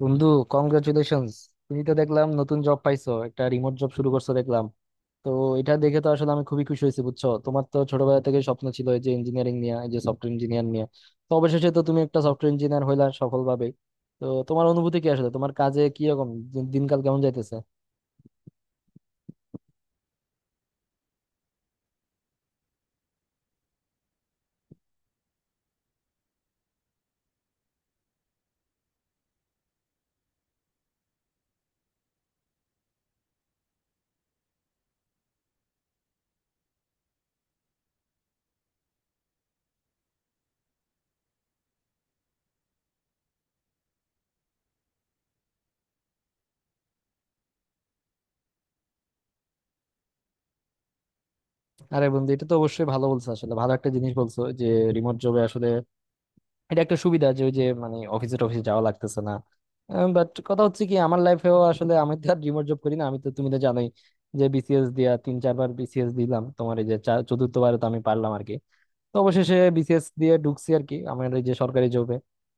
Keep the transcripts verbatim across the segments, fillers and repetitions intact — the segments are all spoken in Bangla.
বন্ধু, কংগ্রাচুলেশনস। তুমি তো দেখলাম নতুন জব পাইছো, একটা রিমোট জব শুরু করছো দেখলাম। তো এটা দেখে তো আসলে আমি খুবই খুশি হয়েছি, বুঝছো। তোমার তো ছোটবেলা থেকে স্বপ্ন ছিল এই যে ইঞ্জিনিয়ারিং নিয়ে, এই যে সফটওয়্যার ইঞ্জিনিয়ার নিয়ে। তো অবশেষে তো তুমি একটা সফটওয়্যার ইঞ্জিনিয়ার হইলা সফলভাবে। তো তোমার অনুভূতি কি আসলে, তোমার কাজে কি রকম, দিন- দিনকাল কেমন যাইতেছে? আরে বন্ধু, এটা তো অবশ্যই ভালো বলছো, আসলে ভালো একটা জিনিস বলছো যে রিমোট জবে আসলে এটা একটা সুবিধা যে ওই যে মানে অফিসে টফিসে যাওয়া লাগতেছে না। বাট কথা হচ্ছে কি, আমার লাইফেও আসলে, আমি তো আর রিমোট জব করি না, আমি তো, তুমি তো জানোই যে বিসিএস দিয়া তিন চারবার বিসিএস দিলাম। তোমার এই যে চা- চতুর্থবারে তো আমি পারলাম আর কি। তো অবশেষে বিসিএস দিয়ে ঢুকছি আর কি আমাদের যে সরকারি জবে।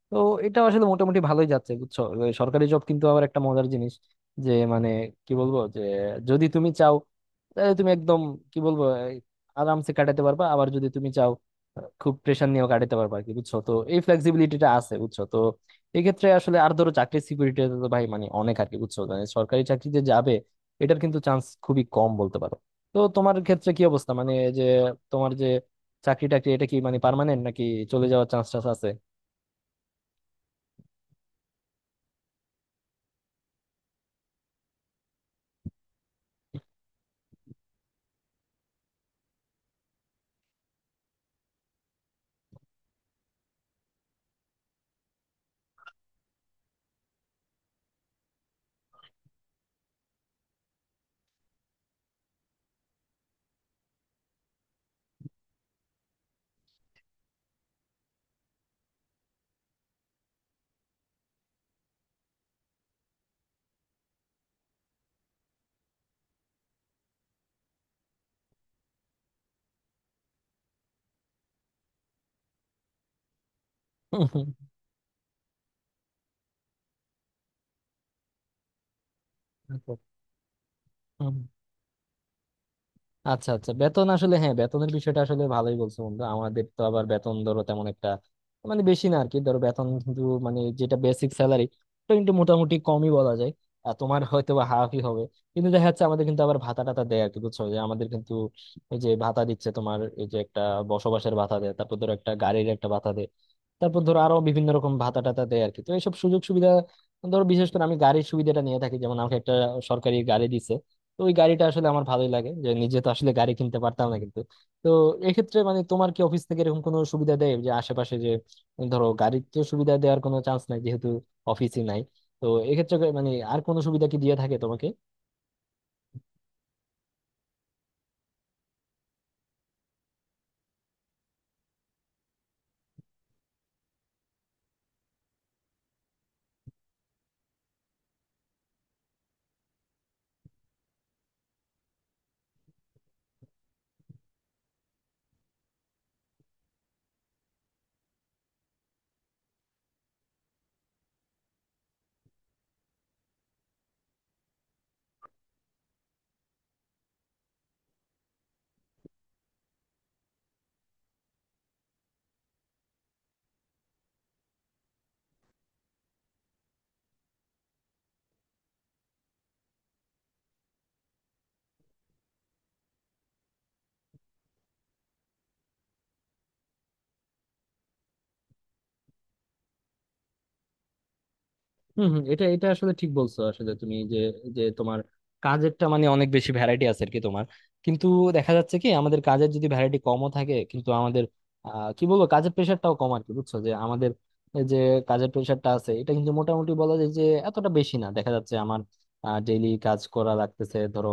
তো এটা আসলে মোটামুটি ভালোই যাচ্ছে, বুঝছো। এ, সরকারি জব কিন্তু আবার একটা মজার জিনিস, যে মানে কি বলবো, যে যদি তুমি চাও তাহলে তুমি একদম, কি বলবো, এই, আরামসে কাটাতে পারবা। আবার যদি তুমি চাও, আহ, খুব প্রেশার নিয়েও কাটাতে পারবা আর কি, বুঝছো তো। এই ফ্লেক্সিবিলিটিটা আছে, বুঝছো তো, এক্ষেত্রে আসলে। আর ধরো চাকরির সিকিউরিটি তো ভাই মানে অনেক আর কি, বুঝছো, মানে সরকারি চাকরিতে যাবে, এটার কিন্তু চান্স খুবই কম বলতে পারো। তো তোমার ক্ষেত্রে কি অবস্থা, মানে যে তোমার যে চাকরি টাকরি এটা কি মানে পার্মানেন্ট, নাকি চলে যাওয়ার চান্স টান্স আছে? আচ্ছা আচ্ছা, বেতন আসলে হ্যাঁ, বেতনের বিষয়টা আসলে ভালোই বলছো বন্ধু। আমাদের তো আবার বেতন ধরো তেমন একটা, মানে বেশি না আর কি, ধরো বেতন কিন্তু মানে যেটা বেসিক স্যালারি ওটা কিন্তু মোটামুটি কমই বলা যায়, আর তোমার হয়তো বা হাফই হবে। কিন্তু দেখা যাচ্ছে আমাদের কিন্তু আবার ভাতা টাতা দেয় আর কি, বুঝছো। যে আমাদের কিন্তু এই যে ভাতা দিচ্ছে, তোমার এই যে একটা বসবাসের ভাতা দেয়, তারপর ধরো একটা গাড়ির একটা ভাতা দেয়, তারপর ধরো আরো বিভিন্ন রকম ভাতা টাতা দেয় আর কি। তো এইসব সুযোগ সুবিধা, ধরো বিশেষ করে আমি গাড়ির সুবিধাটা নিয়ে থাকি, যেমন আমাকে একটা সরকারি গাড়ি দিচ্ছে। তো ওই গাড়িটা আসলে আমার ভালোই লাগে, যে নিজে তো আসলে গাড়ি কিনতে পারতাম না, কিন্তু। তো এক্ষেত্রে মানে তোমার কি অফিস থেকে এরকম কোনো সুবিধা দেয় যে আশেপাশে যে, ধরো গাড়ির তো সুবিধা দেওয়ার কোনো চান্স নাই যেহেতু অফিসই নাই, তো এক্ষেত্রে মানে আর কোনো সুবিধা কি দিয়ে থাকে তোমাকে? হম হম, এটা এটা আসলে ঠিক বলছো। আসলে তুমি যে, যে তোমার কাজেরটা মানে অনেক বেশি ভ্যারাইটি আছে আর কি তোমার। কিন্তু দেখা যাচ্ছে কি আমাদের কাজের যদি ভ্যারাইটি কমও থাকে, কিন্তু আমাদের আহ কি বলবো, কাজের প্রেশারটাও কম আর কি, বুঝছো। যে আমাদের এই যে কাজের প্রেশারটা আছে, এটা কিন্তু মোটামুটি বলা যায় যে এতটা বেশি না। দেখা যাচ্ছে আমার ডেইলি কাজ করা লাগতেছে, ধরো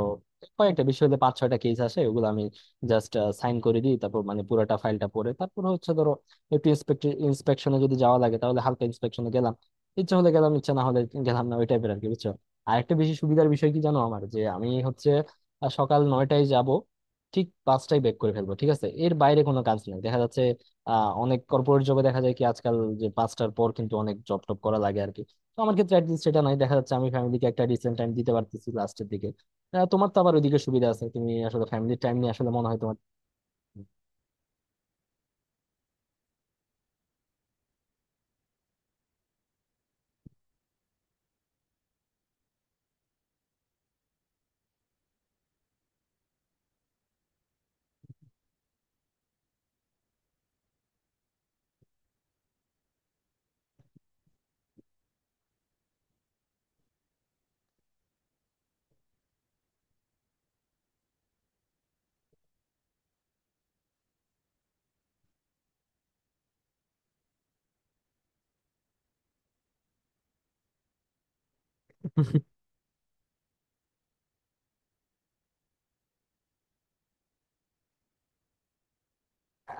কয়েকটা বিষয় হলে পাঁচ ছয়টা কেস আসে, ওগুলো আমি জাস্ট সাইন করে দিই। তারপর মানে পুরোটা ফাইলটা পড়ে, তারপর হচ্ছে ধরো একটু ইন্সপেক্ট, ইন্সপেকশনে যদি যাওয়া লাগে তাহলে হালকা, ইচ্ছা হলে গেলাম ইচ্ছা না হলে গেলাম না, ওই টাইপের আর কি, বুঝছো। আর একটা বেশি সুবিধার বিষয় কি জানো আমার, যে আমি হচ্ছে আহ, সকাল নয়টায় যাব, ঠিক পাঁচটায় ব্রেক করে ফেলবো, ঠিক আছে, এর বাইরে কোনো কাজ নেই দেখা যাচ্ছে। আহ অনেক কর্পোরেট জবে দেখা যায় কি আজকাল, যে পাঁচটার পর কিন্তু অনেক জব টপ করা লাগে আর কি। তো আমার ক্ষেত্রে অ্যাটলিস্ট সেটা নাই দেখা যাচ্ছে, আমি ফ্যামিলিকে একটা ডিসেন্ট টাইম দিতে পারতেছি লাস্টের দিকে। আহ, তোমার তো আবার ওইদিকে সুবিধা আছে, তুমি আসলে ফ্যামিলির টাইম নিয়ে আসলে মনে হয় তোমার।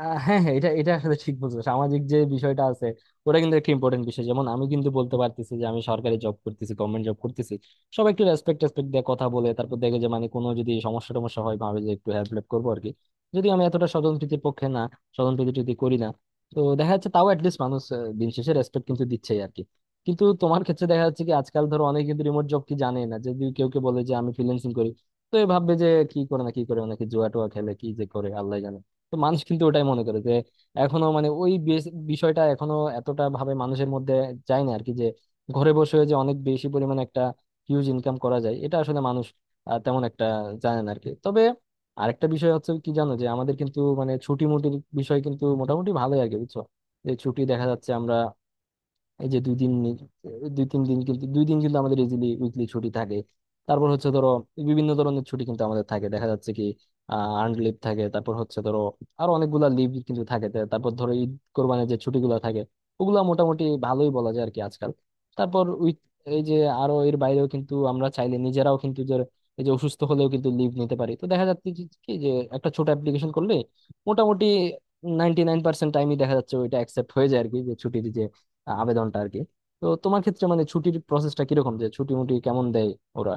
আহ, হ্যাঁ হ্যাঁ, এটা এটা আসলে ঠিক বলছো, সামাজিক যে বিষয়টা আছে ওটা কিন্তু একটা ইম্পর্টেন্ট বিষয়। যেমন আমি কিন্তু বলতে পারতেছি যে আমি সরকারি জব করতেছি, গভর্নমেন্ট জব করতেছি, সবাই একটু রেসপেক্ট রেসপেক্ট দিয়ে কথা বলে। তারপর দেখে যে মানে কোনো যদি সমস্যা টমস্যা হয় ভাবে যে একটু হেল্প হেল্প করবো আর কি। যদি আমি এতটা স্বজনপ্রীতির পক্ষে না, স্বজনপ্রীতি যদি করি না, তো দেখা যাচ্ছে তাও অ্যাটলিস্ট মানুষ আহ, দিন শেষে রেসপেক্ট কিন্তু দিচ্ছেই আর কি। কিন্তু তোমার ক্ষেত্রে দেখা যাচ্ছে কি, আজকাল ধরো অনেকে কিন্তু রিমোট জব কি জানে না। যদি কেউ কে বলে যে আমি ফ্রিল্যান্সিং করি, তো এ ভাববে যে কি করে, না কি করে, নাকি জুয়া টুয়া খেলে, কি যে করে আল্লাহ জানে। তো মানুষ কিন্তু ওটাই মনে করে, যে এখনো মানে ওই বেস- বিষয়টা এখনো এতটা ভাবে মানুষের মধ্যে যায় না আর কি। যে ঘরে বসে যে অনেক বেশি পরিমাণে একটা হিউজ ইনকাম করা যায়, এটা আসলে মানুষ আহ, তেমন একটা জানে না আর কি। তবে আরেকটা বিষয় হচ্ছে কি জানো, যে আমাদের কিন্তু মানে ছুটি মুটির বিষয় কিন্তু মোটামুটি ভালোই আর কি, বুঝছো। যে ছুটি দেখা যাচ্ছে আমরা এই যে দুই দিন নি- দুই তিন দিন, কিন্তু দুই দিন কিন্তু আমাদের ইজিলি উইকলি ছুটি থাকে। তারপর হচ্ছে ধরো বিভিন্ন ধরনের ছুটি কিন্তু আমাদের থাকে, দেখা যাচ্ছে কি আর্নড লিভ থাকে, তারপর হচ্ছে ধরো আরো অনেকগুলা লিভ কিন্তু থাকে। তা- তারপর ধরো ঈদ কোরবানির যে ছুটিগুলো থাকে, ওগুলা মোটামুটি ভালোই বলা যায় আর কি আজকাল। তারপর উইক, এই যে আরো এর বাইরেও কিন্তু আমরা চাইলে নিজেরাও কিন্তু যে এই যে অসুস্থ হলেও কিন্তু লিভ নিতে পারি। তো দেখা যাচ্ছে কি, কি যে একটা ছোট অ্যাপ্লিকেশন করলে মোটামুটি নাইনটি নাইন পার্সেন্ট টাইমই দেখা যাচ্ছে ওইটা অ্যাকসেপ্ট হয়ে যায় আর কি, যে ছুটির আহ, আবেদনটা আর কি। তো তোমার ক্ষেত্রে মানে ছুটির প্রসেসটা কিরকম, যে ছুটি মুটি কেমন দেয় ওরা?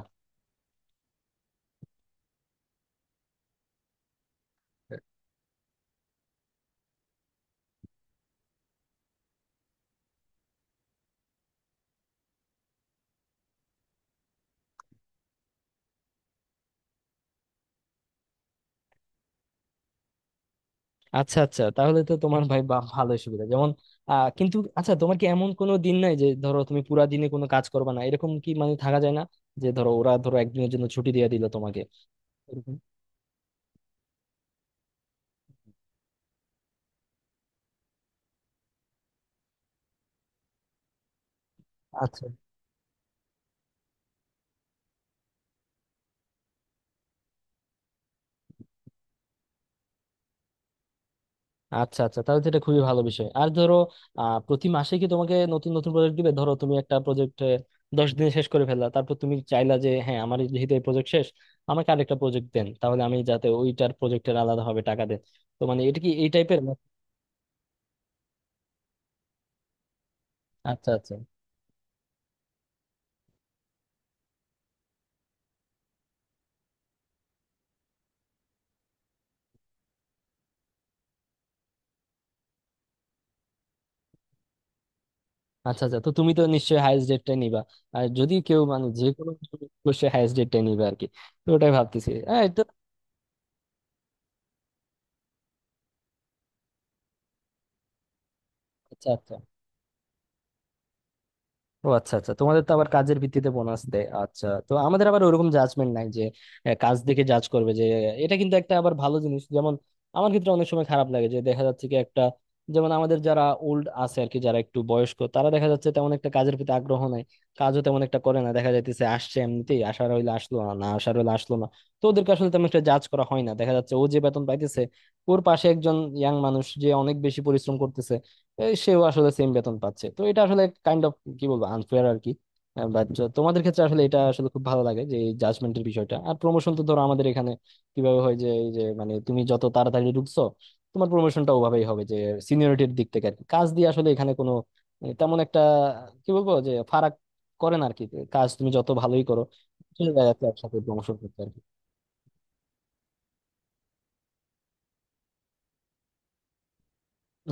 আচ্ছা আচ্ছা, তাহলে তো তোমার ভাই বা ভালোই সুবিধা যেমন। আহ কিন্তু আচ্ছা, তোমার কি এমন কোনো দিন নাই যে ধরো তুমি পুরা দিনে কোনো কাজ করবে না, এরকম কি মানে থাকা যায় না, যে ধরো ওরা ধরো একদিনের জন্য ছুটি দিয়ে দিল তোমাকে এরকম? আচ্ছা। আচ্ছা আচ্ছা, তাহলে তো এটা খুবই ভালো বিষয়। আর ধরো আহ প্রতি মাসে কি তোমাকে নতুন নতুন প্রজেক্ট দিবে? ধরো তুমি একটা প্রজেক্ট দশ দিনে শেষ করে ফেললা, তারপর তুমি চাইলা যে হ্যাঁ আমার যেহেতু এই প্রজেক্ট শেষ, আমাকে আরেকটা প্রজেক্ট দেন, তাহলে আমি যাতে ওইটার প্রজেক্টের আলাদাভাবে টাকা দেন। তো মানে এটা কি এই টাইপের? আচ্ছা আচ্ছা। আচ্ছা আচ্ছা, তো তুমি তো নিশ্চয়ই হায়েস্ট ডেটটাই নিবা, আর যদি কেউ মানে যে কোনো, অবশ্যই হায়েস্ট ডেটটাই নিবে আর কি। তো ওটাই ভাবতেছি, হ্যাঁ এটা। আচ্ছা আচ্ছা, ও আচ্ছা আচ্ছা, তোমাদের তো আবার কাজের ভিত্তিতে বোনাস দেয়। আচ্ছা, তো আমাদের আবার ওরকম জাজমেন্ট নাই যে আহ, কাজ দেখে জাজ করবে, যে এটা কিন্তু একটা আবার ভালো জিনিস। যেমন আমার ক্ষেত্রে অনেক সময় খারাপ লাগে, যে দেখা যাচ্ছে কি একটা, যেমন আমাদের যারা ওল্ড আছে আর কি, যারা একটু বয়স্ক, তারা দেখা যাচ্ছে তেমন একটা কাজের প্রতি আগ্রহ নাই, কাজও তেমন একটা করে না। দেখা যাইতেছে আসছে এমনিতেই, আসার হইলে আসলো, না না আসার হইলে আসলো না। তো ওদেরকে আসলে তেমন একটা জাজ করা হয় না, দেখা যাচ্ছে ও যে বেতন পাইতেছে, ওর পাশে একজন ইয়াং মানুষ যে অনেক বেশি পরিশ্রম করতেছে, এই সেও আসলে সেম বেতন পাচ্ছে। তো এটা আসলে কাইন্ড অফ, কি বলবো, আনফেয়ার আর কি। বাট তোমাদের ক্ষেত্রে আসলে এটা আসলে খুব ভালো লাগে, যে এই জাজমেন্টের বিষয়টা। আর প্রমোশন তো ধরো আমাদের এখানে কিভাবে হয়, যে এই যে মানে তুমি যত তাড়াতাড়ি ঢুকছো তোমার প্রমোশনটা ওভাবেই হবে, যে সিনিয়রিটির দিক থেকে আর কি। কাজ দিয়ে আসলে এখানে কোনো এ, তেমন একটা, কি বলবো, যে ফারাক করে না আর কি। কাজ তুমি যত ভালোই করো চলে যায় আর কি একসাথে প্রমোশন করতে আর কি।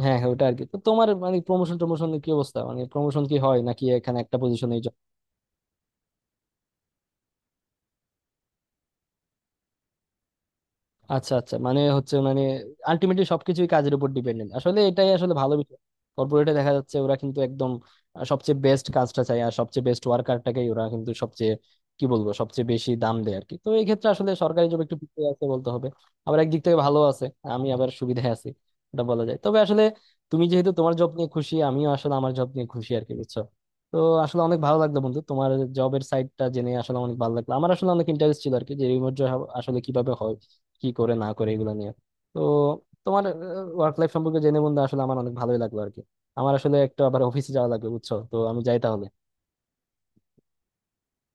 হ্যাঁ হ্যাঁ, ওটা আর কি। তো তোমার মানে প্রমোশন টমোশন কি অবস্থা, মানে প্রমোশন কি হয় নাকি এখানে একটা পজিশনে? আচ্ছা আচ্ছা, মানে হচ্ছে মানে আলটিমেটলি সবকিছুই কাজের উপর ডিপেন্ডেন্ট আসলে, এটাই আসলে ভালো বিষয়। কর্পোরেটে দেখা যাচ্ছে ওরা কিন্তু একদম আহ, সবচেয়ে বেস্ট কাজটা চায়, আর সবচেয়ে বেস্ট ওয়ার্কারটাকেই ওরা কিন্তু সবচেয়ে, কি বলবো, সবচেয়ে বেশি দাম দেয় আর কি। তো এই ক্ষেত্রে আসলে সরকারি জব একটু পিছিয়ে আছে বলতে হবে। আবার একদিক থেকে ভালো আছে, আমি আবার সুবিধায় আছি এটা বলা যায়। তবে আসলে তুমি যেহেতু তোমার জব নিয়ে খুশি, আমিও আসলে আমার জব নিয়ে খুশি আর কি, বুঝছো। তো আসলে অনেক ভালো লাগলো বন্ধু তোমার জবের সাইডটা জেনে, আসলে অনেক ভালো লাগলো। আমার আসলে অনেক ইন্টারেস্ট ছিল আর কি, যে রিমোট জব আসলে কিভাবে হয়, কি করে না করে, এগুলো নিয়ে। তো তোমার ওয়ার্ক লাইফ সম্পর্কে জেনে বন্ধু আসলে আমার অনেক ভালোই লাগলো আর কি। আমার আসলে একটা আবার অফিসে যাওয়া লাগবে, বুঝছো তো, আমি যাই তাহলে।